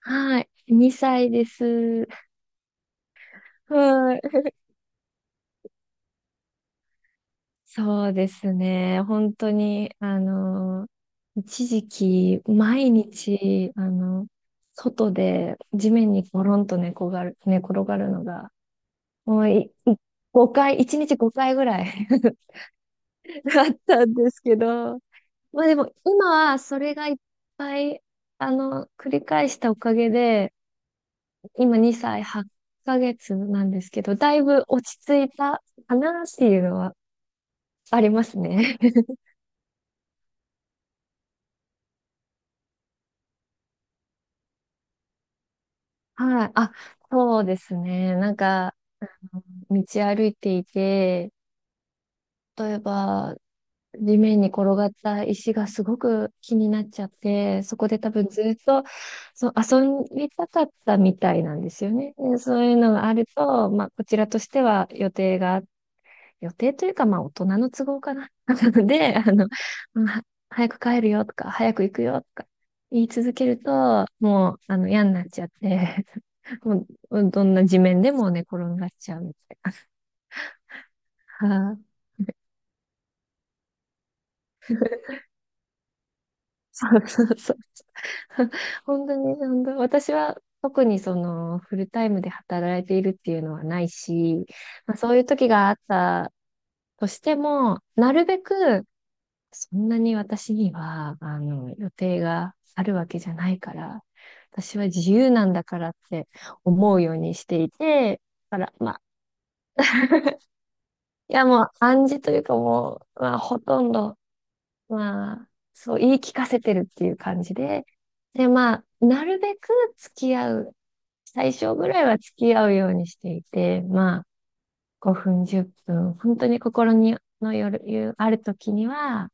はい。2歳です。はい。そうですね。本当に、一時期、毎日、外で地面にゴロンと寝転がるのが、もうい、い5回、1日5回ぐらい あったんですけど、まあでも、今はそれがいっぱい、繰り返したおかげで、今2歳8ヶ月なんですけど、だいぶ落ち着いたかなっていうのはありますね。はい。あ、そうですね。なんか、道歩いていて、例えば、地面に転がった石がすごく気になっちゃって、そこで多分ずっとそう遊びたかったみたいなんですよね。で、そういうのがあると、まあ、こちらとしては予定があっ予定というか、まあ、大人の都合かな。なので、早く帰るよとか、早く行くよとか、言い続けると、もう、嫌になっちゃって、もう、どんな地面でも寝転がっちゃうみたいな。あ、そうそうそう。本当に、本当、私は特にその、フルタイムで働いているっていうのはないし、まあ、そういう時があったとしても、なるべくそんなに私には、予定があるわけじゃないから、私は自由なんだからって思うようにしていて、だから、まあ、いやもう暗示というかもう、まあ、ほとんど、まあ、そう言い聞かせてるっていう感じで、で、まあ、なるべく付き合う、最初ぐらいは付き合うようにしていて、まあ、5分、10分、本当に心にのよる、ある時には、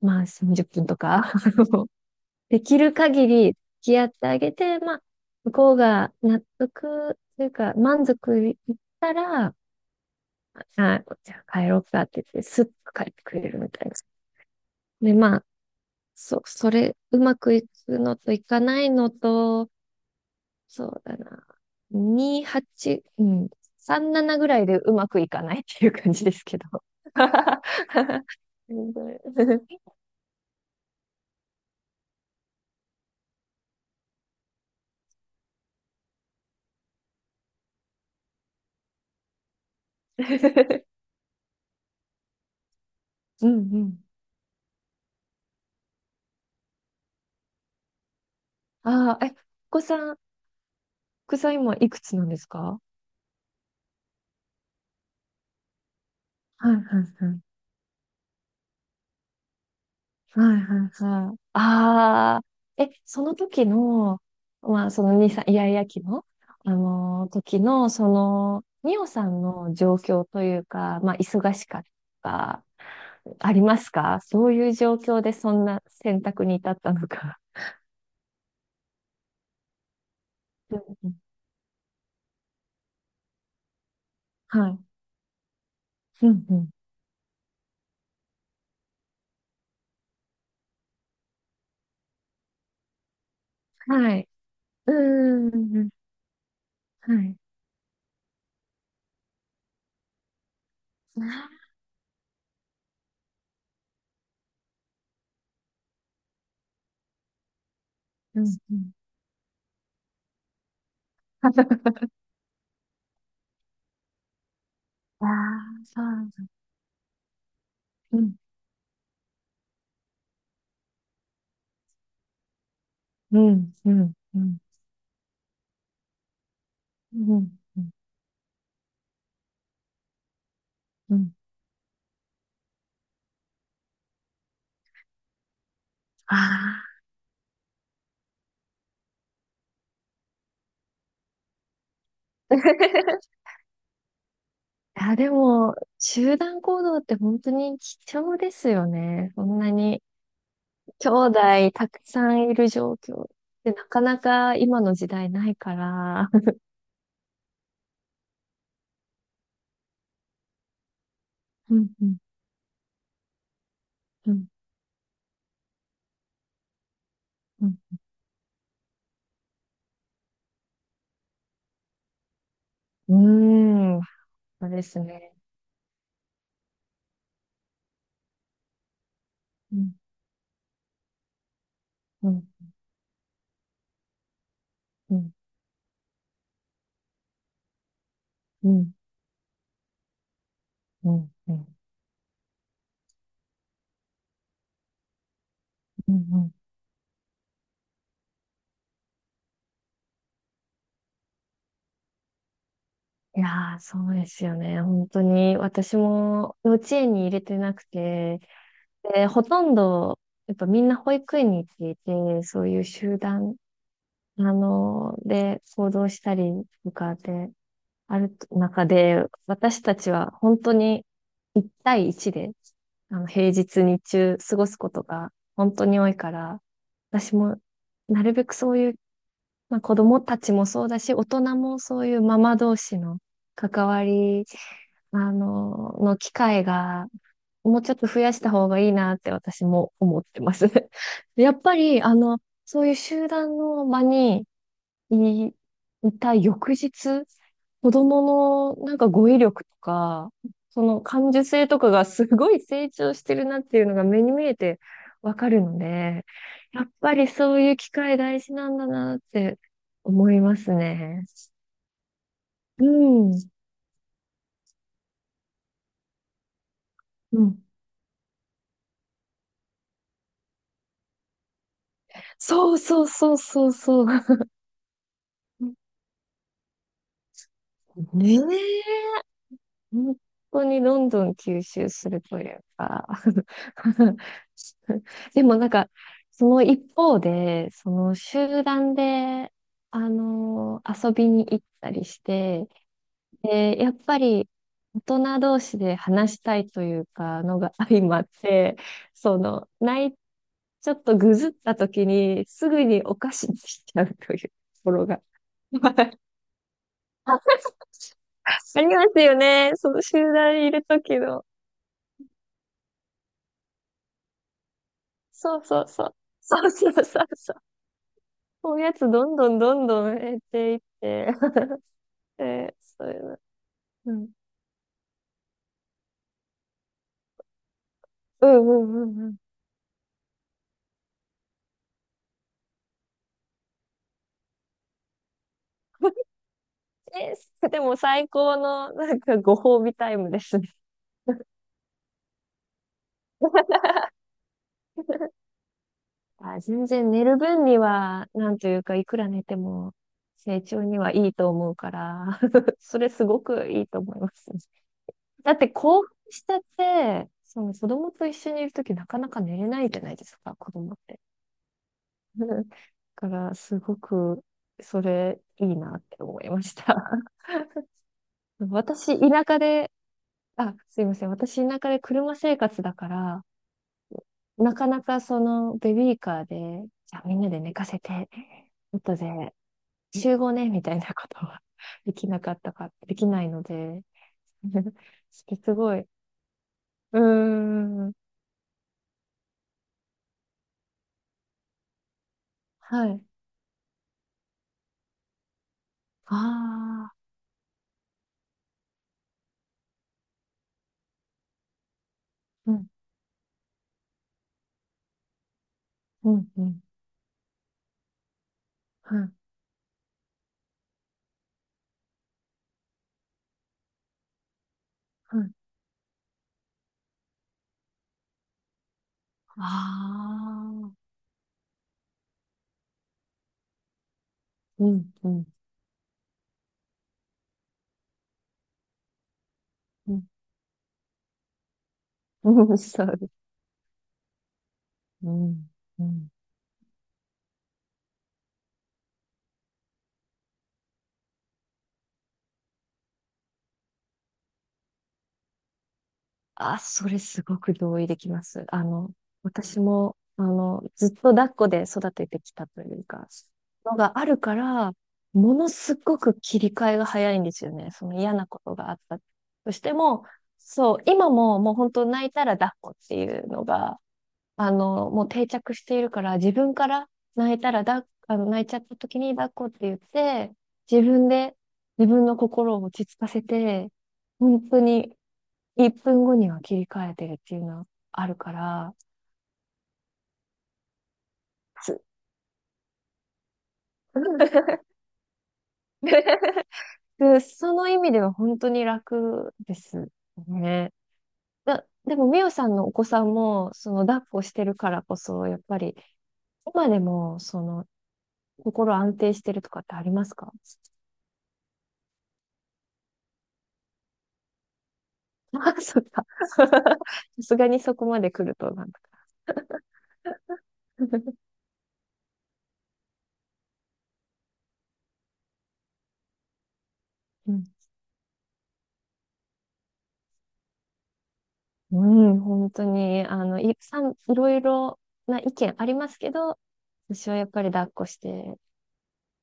まあ、30分とか できる限り付き合ってあげて、まあ、向こうが納得というか、満足いったら、あ、じゃあ帰ろうかって言って、スッと帰ってくれるみたいな。で、まあ、それ、うまくいくのといかないのと、そうだな、2、8、うん、3、7ぐらいでうまくいかないっていう感じですけど。うんうん。ああ、え、お子さん今いくつなんですか？はいはいはい。はいはいはい。ああ、え、その時の、まあ、そのにさんイヤイヤ期の、時の、その、ミオさんの状況というか、まあ、忙しかった、ありますかそういう状況でそんな選択に至ったのか。うんうん、はい。うんうん。はい。うーん。はい。うんうん。ああ、そう。うん。うん。うん。うん。うん。うん。ああ。いや、でも、集団行動って本当に貴重ですよね。そんなに、兄弟たくさんいる状況。で、なかなか今の時代ないから。うん、うん、うん、うん。うーん、そうですね。うん、うん、うん、うん、うん、うん、うん。うん。いやー、そうですよね。本当に、私も幼稚園に入れてなくて、で、ほとんど、やっぱみんな保育園に行っていて、そういう集団で、行動したりとかで、ある中で、私たちは本当に一対一で、平日日中過ごすことが本当に多いから、私もなるべくそういう、まあ、子供たちもそうだし、大人もそういうママ同士の関わり、の機会が、もうちょっと増やした方がいいなって私も思ってます。やっぱり、そういう集団の場にい、いた翌日、子供のなんか語彙力とか、その感受性とかがすごい成長してるなっていうのが目に見えてわかるので、やっぱりそういう機会大事なんだなって思いますね。うん。うん。そうそうそうそうそう。ねえ。本当にどんどん吸収するというか でもなんか、その一方で、その集団で、あの遊びに行ったりして、で、やっぱり大人同士で話したいというか、のが相まって、その、ない、ちょっとぐずった時に、すぐにお菓子にしちゃうというところが。ありますよね。その集団にいる時の。そうそうそう。そうそうそうそう。おやつどんどんどんどん減っていって。え、そういうの。うん。うんうんうんうん。え、でも最高のなんかご褒美タイムですね。あ、全然寝る分には、なんというか、いくら寝ても成長にはいいと思うから、それすごくいいと思いますね。だって興奮したって、その子供と一緒にいるときなかなか寝れないじゃないですか、子供って。から、すごく、それ、いいなって思いました。私、田舎で、あ、すいません。私、田舎で車生活だから、なかなかその、ベビーカーで、じゃあみんなで寝かせて、後で集合ね、みたいなことは できなかったか、できないので、すごい。うーん。はい。ああ。うん、うん、うん。はい、はい。ああ。うん、うん、うん。うん、そう。うん。うん。あ、それすごく同意できます。私も、ずっと抱っこで育ててきたというか、のがあるから、ものすごく切り替えが早いんですよね。その嫌なことがあったとしても、そう、今ももう本当泣いたら抱っこっていうのが、もう定着しているから、自分から泣いたら抱っ、泣いちゃった時に抱っこって言って、自分で自分の心を落ち着かせて、本当に1分後には切り替えてるっていうのはあるから、つ でその意味では本当に楽ですね。でも、みおさんのお子さんも、その、抱っこしてるからこそ、やっぱり、今でも、その、心安定してるとかってありますか？ あ、そっか。さすがにそこまで来ると、なんか。うん、うん、本当に、い、さん、いろいろな意見ありますけど、私はやっぱり抱っこして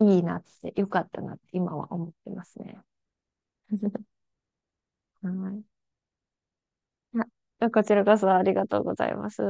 いいなって、良かったなって今は思ってますね。はい。あ、こちらこそありがとうございます。